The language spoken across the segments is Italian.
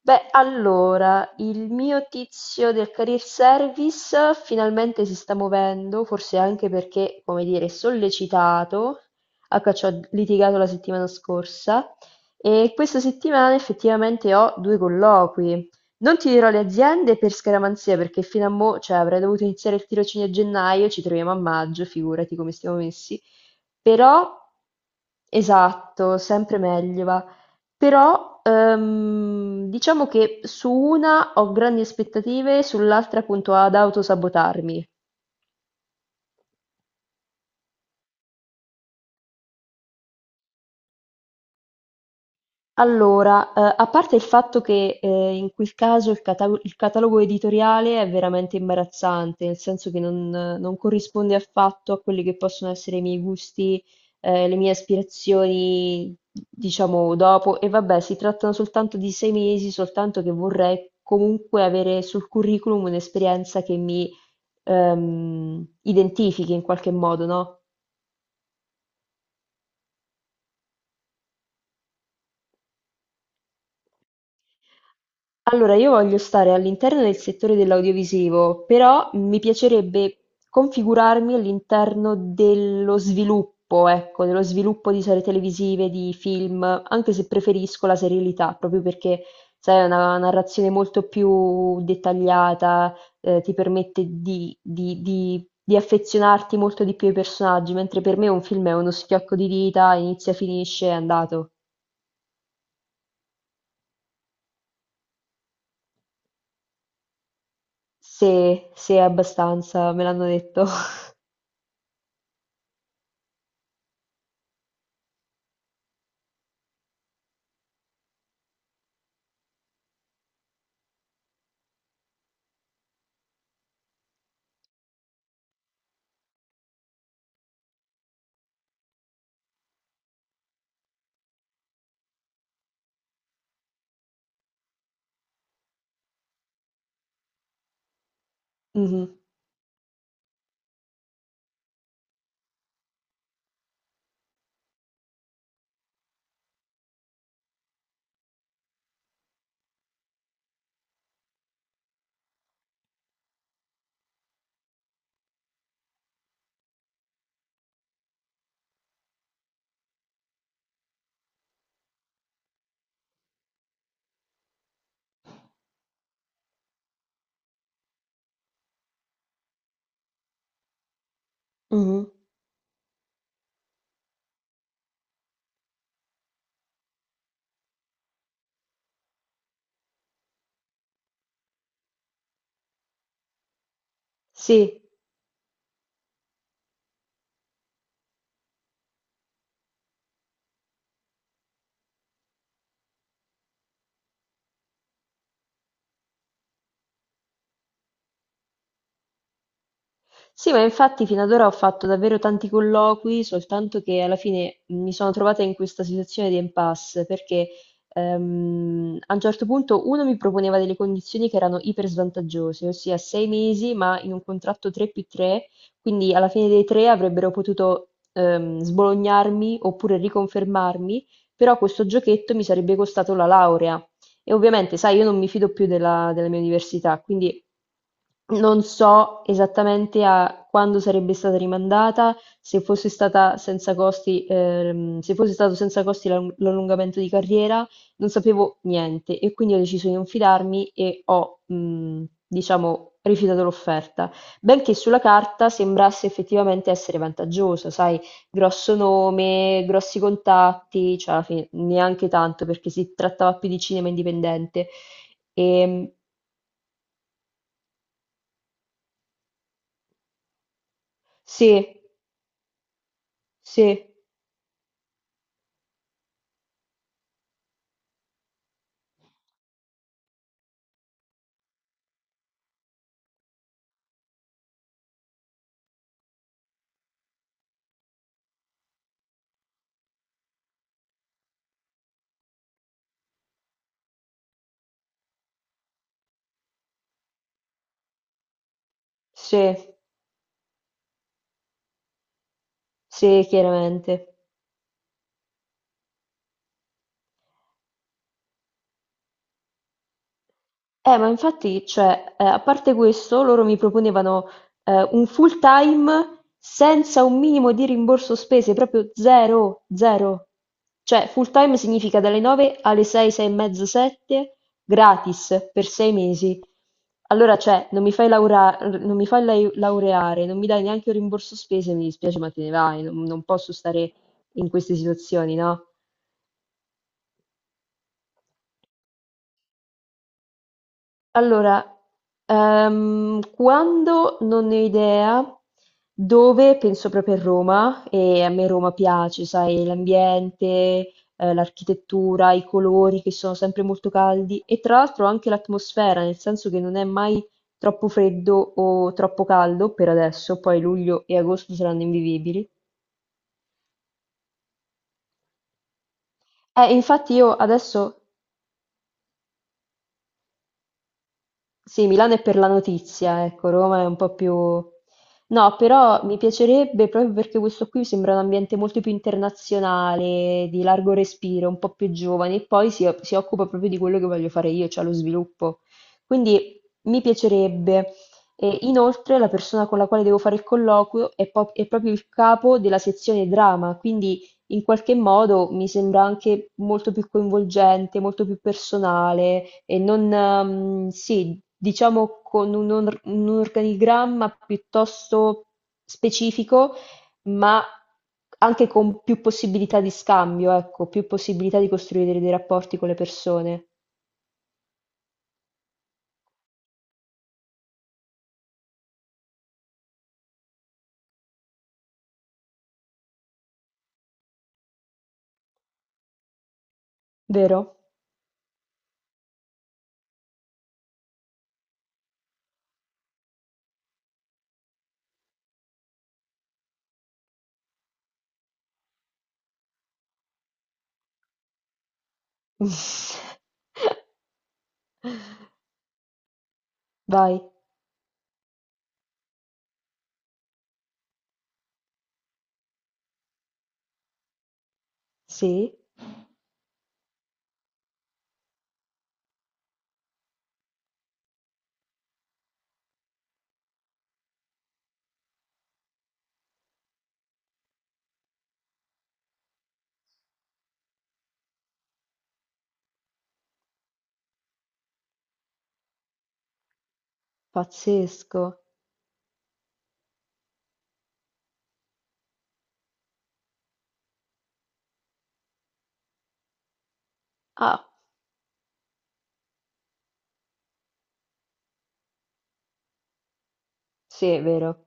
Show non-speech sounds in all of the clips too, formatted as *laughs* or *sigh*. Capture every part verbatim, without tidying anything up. Beh, allora, il mio tizio del career service finalmente si sta muovendo, forse anche perché, come dire, è sollecitato, a cui ci ho litigato la settimana scorsa, e questa settimana effettivamente ho due colloqui. Non ti dirò le aziende per scaramanzia, perché fino a mo', cioè, avrei dovuto iniziare il tirocinio a gennaio, ci troviamo a maggio, figurati come stiamo messi. Però, esatto, sempre meglio va. Però, ehm, diciamo che su una ho grandi aspettative, sull'altra appunto ad autosabotarmi. Allora, eh, a parte il fatto che eh, in quel caso il, cata- il catalogo editoriale è veramente imbarazzante, nel senso che non, non corrisponde affatto a quelli che possono essere i miei gusti, eh, le mie aspirazioni, diciamo, dopo. E vabbè, si trattano soltanto di sei mesi, soltanto che vorrei comunque avere sul curriculum un'esperienza che mi ehm, identifichi in qualche modo, no? Allora, io voglio stare all'interno del settore dell'audiovisivo, però mi piacerebbe configurarmi all'interno dello sviluppo, ecco, dello sviluppo di serie televisive, di film, anche se preferisco la serialità, proprio perché, sai, è una narrazione molto più dettagliata, eh, ti permette di, di- di- di affezionarti molto di più ai personaggi, mentre per me un film è uno schiocco di dita, inizia, finisce, è andato. Se, se è abbastanza, me l'hanno detto. *laughs* Mh-mh, mh-mh. Sì. Sì, ma infatti fino ad ora ho fatto davvero tanti colloqui, soltanto che alla fine mi sono trovata in questa situazione di impasse, perché ehm, a un certo punto uno mi proponeva delle condizioni che erano iper svantaggiose, ossia sei mesi, ma in un contratto tre più tre, quindi alla fine dei tre avrebbero potuto ehm, sbolognarmi oppure riconfermarmi, però questo giochetto mi sarebbe costato la laurea. E ovviamente, sai, io non mi fido più della della mia università, quindi... Non so esattamente a quando sarebbe stata rimandata, se fosse stata senza costi, ehm, se fosse stato senza costi l'all- l'allungamento di carriera, non sapevo niente e quindi ho deciso di non fidarmi e ho, mh, diciamo, rifiutato l'offerta. Benché sulla carta sembrasse effettivamente essere vantaggiosa, sai, grosso nome, grossi contatti, cioè alla fine neanche tanto perché si trattava più di cinema indipendente. E, sì, sì. Sì, sì, chiaramente. Eh, ma infatti, cioè, eh, a parte questo, loro mi proponevano eh, un full time senza un minimo di rimborso spese, proprio zero, zero. Cioè, full time significa dalle nove alle sei, sei e mezza, sette, gratis per sei mesi. Allora, cioè, non mi fai laura- non mi fai lai- laureare, non mi dai neanche un rimborso spese, mi dispiace, ma te ne vai, non non posso stare in queste situazioni, no? Allora, ehm, quando non ne ho idea, dove penso proprio a Roma, e a me Roma piace, sai, l'ambiente, eh, l'architettura, i colori che sono sempre molto caldi e tra l'altro anche l'atmosfera, nel senso che non è mai troppo freddo o troppo caldo per adesso, poi luglio e agosto saranno invivibili. Eh, infatti io adesso sì, Milano è per la notizia, ecco, Roma è un po' più... No, però mi piacerebbe proprio perché questo qui mi sembra un ambiente molto più internazionale, di largo respiro, un po' più giovane, e poi si, si occupa proprio di quello che voglio fare io, cioè lo sviluppo. Quindi mi piacerebbe. E inoltre la persona con la quale devo fare il colloquio è, po- è proprio il capo della sezione drama, quindi in qualche modo mi sembra anche molto più coinvolgente, molto più personale e non, ehm, sì, diciamo con un, or- un organigramma piuttosto specifico, ma anche con più possibilità di scambio, ecco, più possibilità di costruire dei rapporti con le persone, vero? *laughs* Vai, sì, pazzesco. Ah, sì, è vero.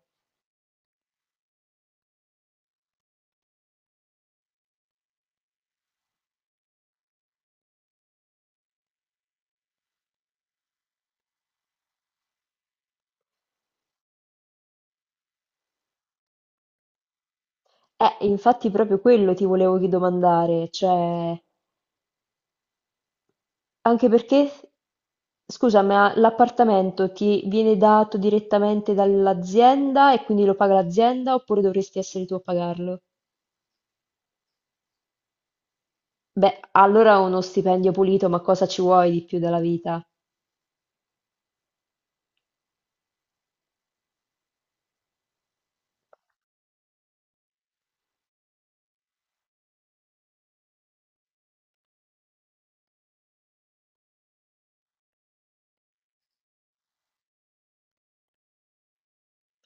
Eh, infatti proprio quello ti volevo chi- domandare, cioè, anche perché, scusa, ma l'appartamento ti viene dato direttamente dall'azienda e quindi lo paga l'azienda oppure dovresti essere tu a pagarlo? Beh, allora uno stipendio pulito, ma cosa ci vuoi di più dalla vita?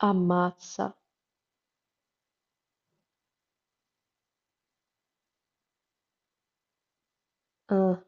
Ammazza. Ah.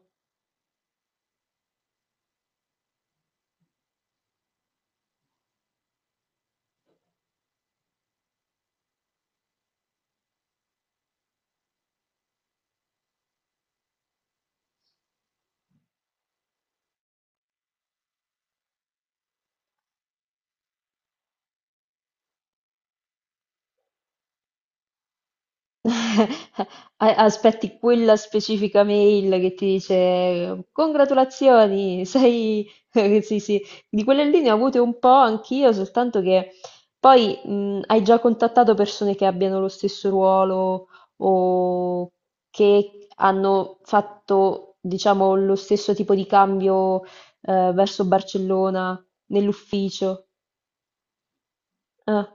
*laughs* A- Aspetti quella specifica mail che ti dice congratulazioni, sei... *laughs* Sì, sì, di quelle lì ne ho avute un po' anch'io, soltanto che poi mh, hai già contattato persone che abbiano lo stesso ruolo o che hanno fatto, diciamo, lo stesso tipo di cambio eh, verso Barcellona nell'ufficio. Ah.